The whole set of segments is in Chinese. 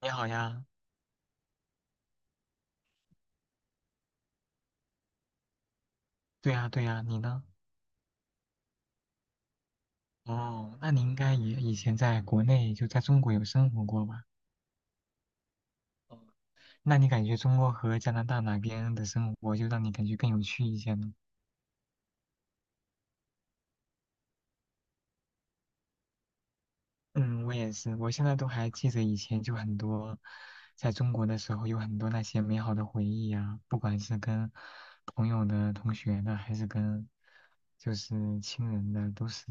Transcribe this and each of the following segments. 你好呀，对呀，对呀，你呢？哦，那你应该也以前在国内，就在中国有生活过吧？哦那你感觉中国和加拿大哪边的生活就让你感觉更有趣一些呢？嗯，我也是，我现在都还记得以前就很多，在中国的时候有很多那些美好的回忆呀，不管是跟朋友的、同学的，还是跟就是亲人的，都是。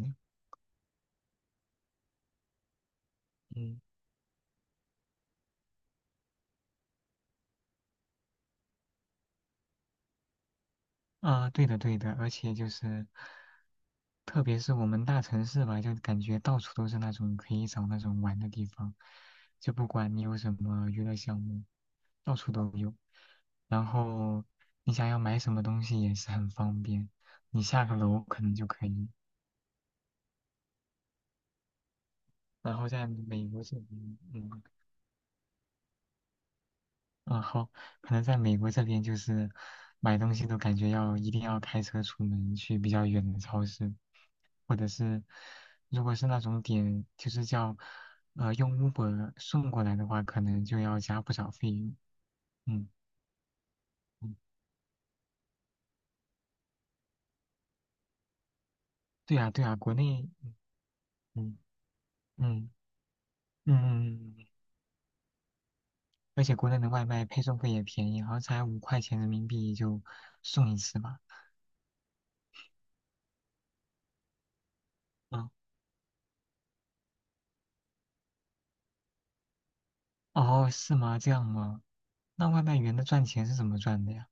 嗯啊，对的对的，而且就是，特别是我们大城市吧，就感觉到处都是那种可以找那种玩的地方，就不管你有什么娱乐项目，到处都有。然后你想要买什么东西也是很方便，你下个楼可能就可以。然后在美国这边，嗯。啊，好，可能在美国这边就是买东西都感觉要一定要开车出门去比较远的超市，或者是如果是那种点就是叫用 Uber 送过来的话，可能就要加不少费用。嗯，嗯对呀对呀，国内嗯嗯嗯嗯，嗯而且国内的外卖配送费也便宜，好像才5块钱人民币就送一次吧。嗯，哦，是吗？这样吗？那外卖员的赚钱是怎么赚的呀？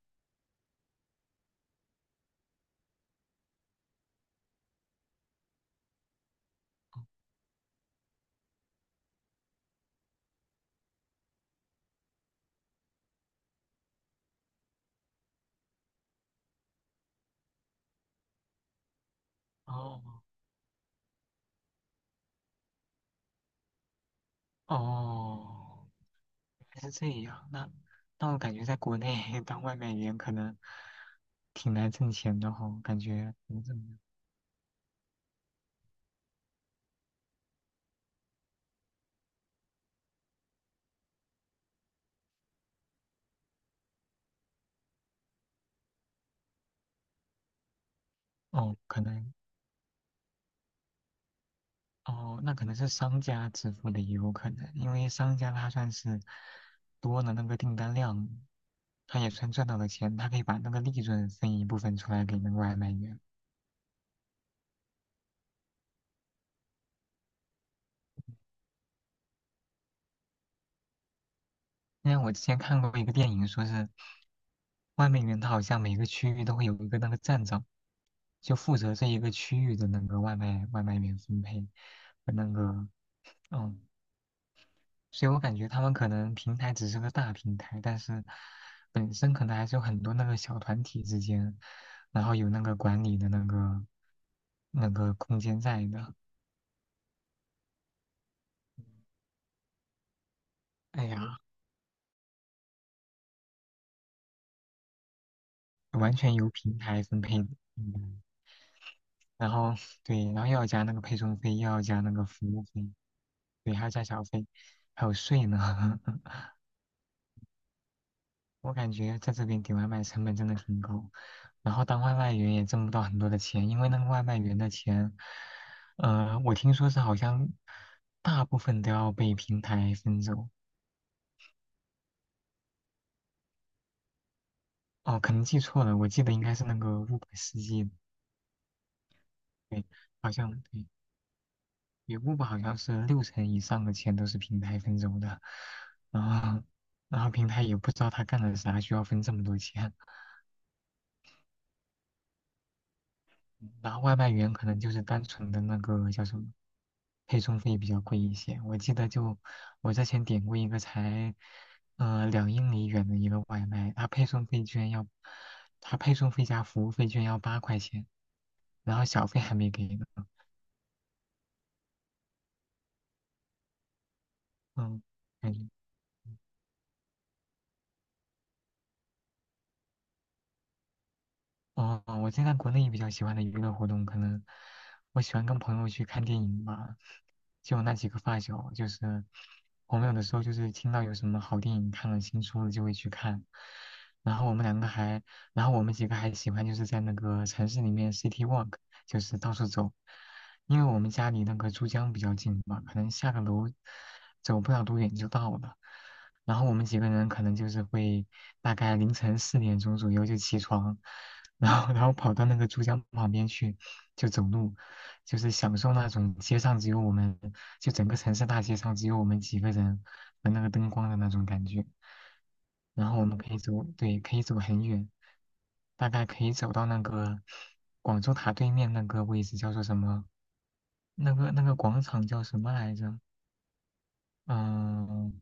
哦。哦，原来是这样。那我感觉在国内 当外卖员可能挺难挣钱的哈，感觉怎么样哦，可能哦，那可能是商家支付的也有可能，因为商家他算是多了那个订单量，他也算赚到了钱，他可以把那个利润分一部分出来给那个外卖员。因为我之前看过一个电影，说是外卖员，他好像每个区域都会有一个那个站长，就负责这一个区域的那个外卖员分配和那个嗯，所以我感觉他们可能平台只是个大平台，但是本身可能还是有很多那个小团体之间，然后有那个管理的那个空间在的。哎呀，完全由平台分配的，嗯，然后对，然后又要加那个配送费，又要加那个服务费。对，还要加小费，还有税呢。我感觉在这边点外卖成本真的挺高，然后当外卖员也挣不到很多的钱，因为那个外卖员的钱，我听说是好像大部分都要被平台分走。哦，可能记错了，我记得应该是那个 Uber 司机，对，好像对，对 Uber 好像是六成以上的钱都是平台分走的，然后然后平台也不知道他干了啥，需要分这么多钱。然后外卖员可能就是单纯的那个叫什么，配送费比较贵一些。我记得就我之前点过一个才，2英里远的一个外卖，它配送费加服务费居然要8块钱，然后小费还没给呢。嗯，嗯，哦，我现在国内比较喜欢的娱乐活动，可能我喜欢跟朋友去看电影吧。就我那几个发小，就是我们有的时候就是听到有什么好电影看了新出了就会去看。然后我们两个还，然后我们几个还喜欢就是在那个城市里面 city walk，就是到处走。因为我们家离那个珠江比较近嘛，可能下个楼走不了多远就到了。然后我们几个人可能就是会大概凌晨4点钟左右就起床，然后跑到那个珠江旁边去，就走路，就是享受那种街上只有我们，就整个城市大街上只有我们几个人和那个灯光的那种感觉。然后我们可以走，对，可以走很远，大概可以走到那个广州塔对面那个位置，叫做什么？那个广场叫什么来着？嗯，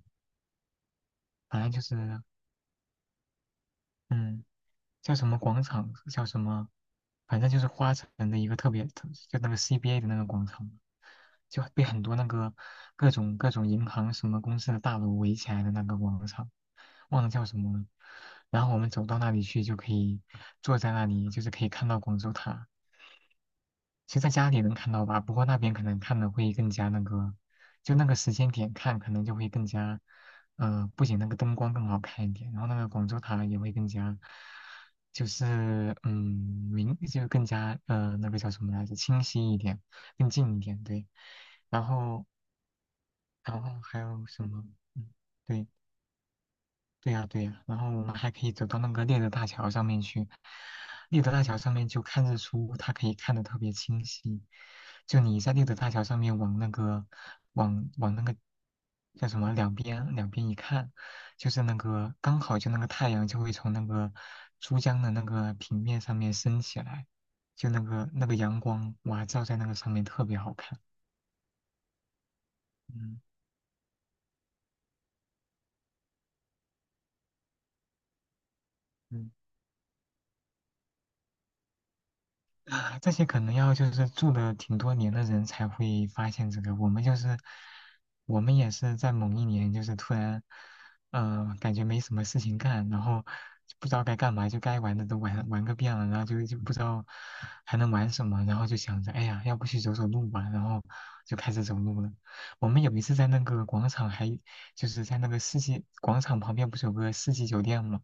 反正就是嗯。叫什么广场，叫什么，反正就是花城的一个特别，特就那个 CBA 的那个广场，就被很多那个各种银行什么公司的大楼围起来的那个广场，忘了叫什么了。然后我们走到那里去，就可以坐在那里，就是可以看到广州塔。其实在家里能看到吧，不过那边可能看的会更加那个，就那个时间点看，可能就会更加，不仅那个灯光更好看一点，然后那个广州塔也会更加，就是明，就更加那个叫什么来着，清晰一点，更近一点，对。然后然后还有什么？嗯，对。对呀，对呀，然后我们还可以走到那个猎德大桥上面去。猎德大桥上面就看日出，它可以看得特别清晰。就你在猎德大桥上面往那个，往那个叫什么两边一看，就是那个刚好就那个太阳就会从那个珠江的那个平面上面升起来，就那个阳光哇照在那个上面特别好看。嗯。嗯啊，这些可能要就是住的挺多年的人才会发现这个。我们就是，我们也是在某一年，就是突然，感觉没什么事情干，然后就不知道该干嘛，就该玩的都玩个遍了，然后就不知道还能玩什么，然后就想着，哎呀，要不去走走路吧，然后就开始走路了。我们有一次在那个广场还，就是在那个世纪广场旁边不是有个世纪酒店吗？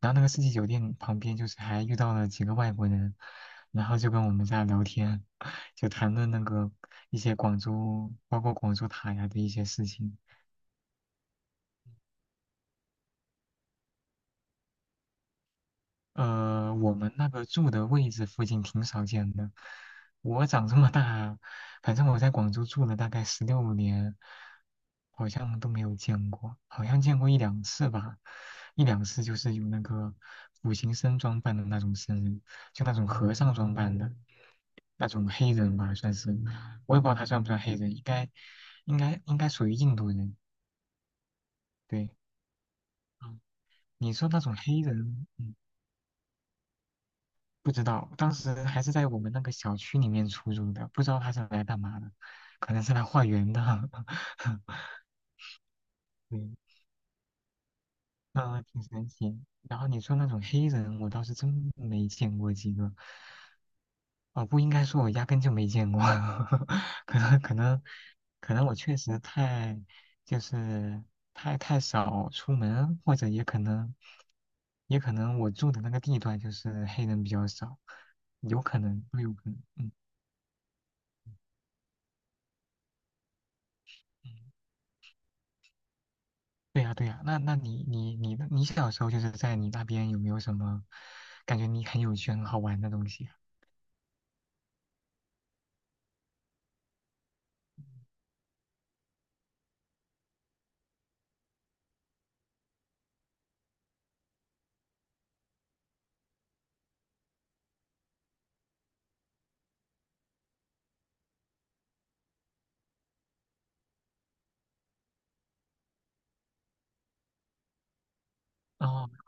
然后那个世纪酒店旁边就是还遇到了几个外国人，然后就跟我们在聊天，就谈论那个一些广州，包括广州塔呀的一些事情。我们那个住的位置附近挺少见的。我长这么大，反正我在广州住了大概16年，好像都没有见过，好像见过一两次吧，一两次就是有那个苦行僧装扮的那种僧人，就那种和尚装扮的那种黑人吧，算是，我也不知道他算不算黑人，应该属于印度人。对，嗯，你说那种黑人，嗯。不知道，当时还是在我们那个小区里面出入的，不知道他是来干嘛的，可能是来化缘的。对，嗯、挺神奇。然后你说那种黑人，我倒是真没见过几个。哦，不应该说，我压根就没见过。可能可能可能我确实太就是太太少出门，或者也可能我住的那个地段就是黑人比较少，有可能都有可能。嗯嗯。对呀，对呀，那你小时候就是在你那边有没有什么感觉你很有趣、很好玩的东西啊？哦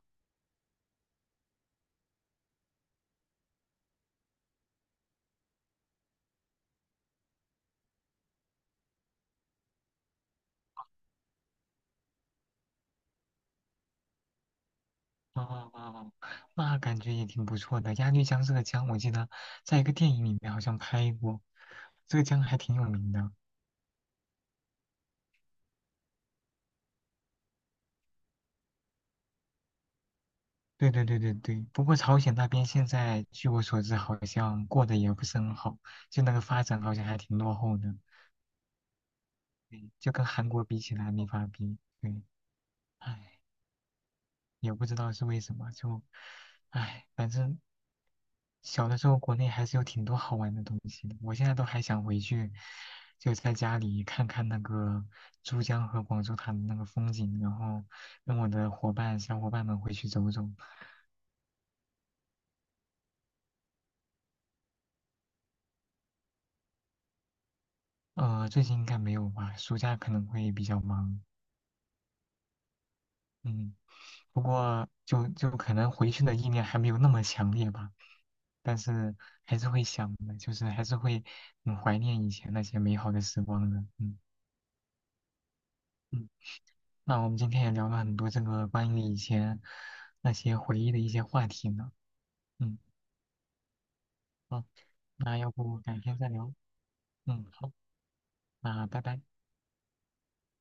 哦哦，那感觉也挺不错的。鸭绿江这个江，我记得在一个电影里面好像拍过，这个江还挺有名的。对对对对对，不过朝鲜那边现在据我所知，好像过得也不是很好，就那个发展好像还挺落后的，对就跟韩国比起来没法比。对，唉，也不知道是为什么，就唉，反正。小的时候国内还是有挺多好玩的东西的，我现在都还想回去，就在家里看看那个珠江和广州塔的那个风景，然后跟我的小伙伴们回去走走。最近应该没有吧，暑假可能会比较忙。嗯，不过就可能回去的意念还没有那么强烈吧，但是还是会想的，就是还是会很怀念以前那些美好的时光的。嗯。嗯那我们今天也聊了很多这个关于以前那些回忆的一些话题呢。嗯，好，那要不改天再聊。嗯，好，那拜拜。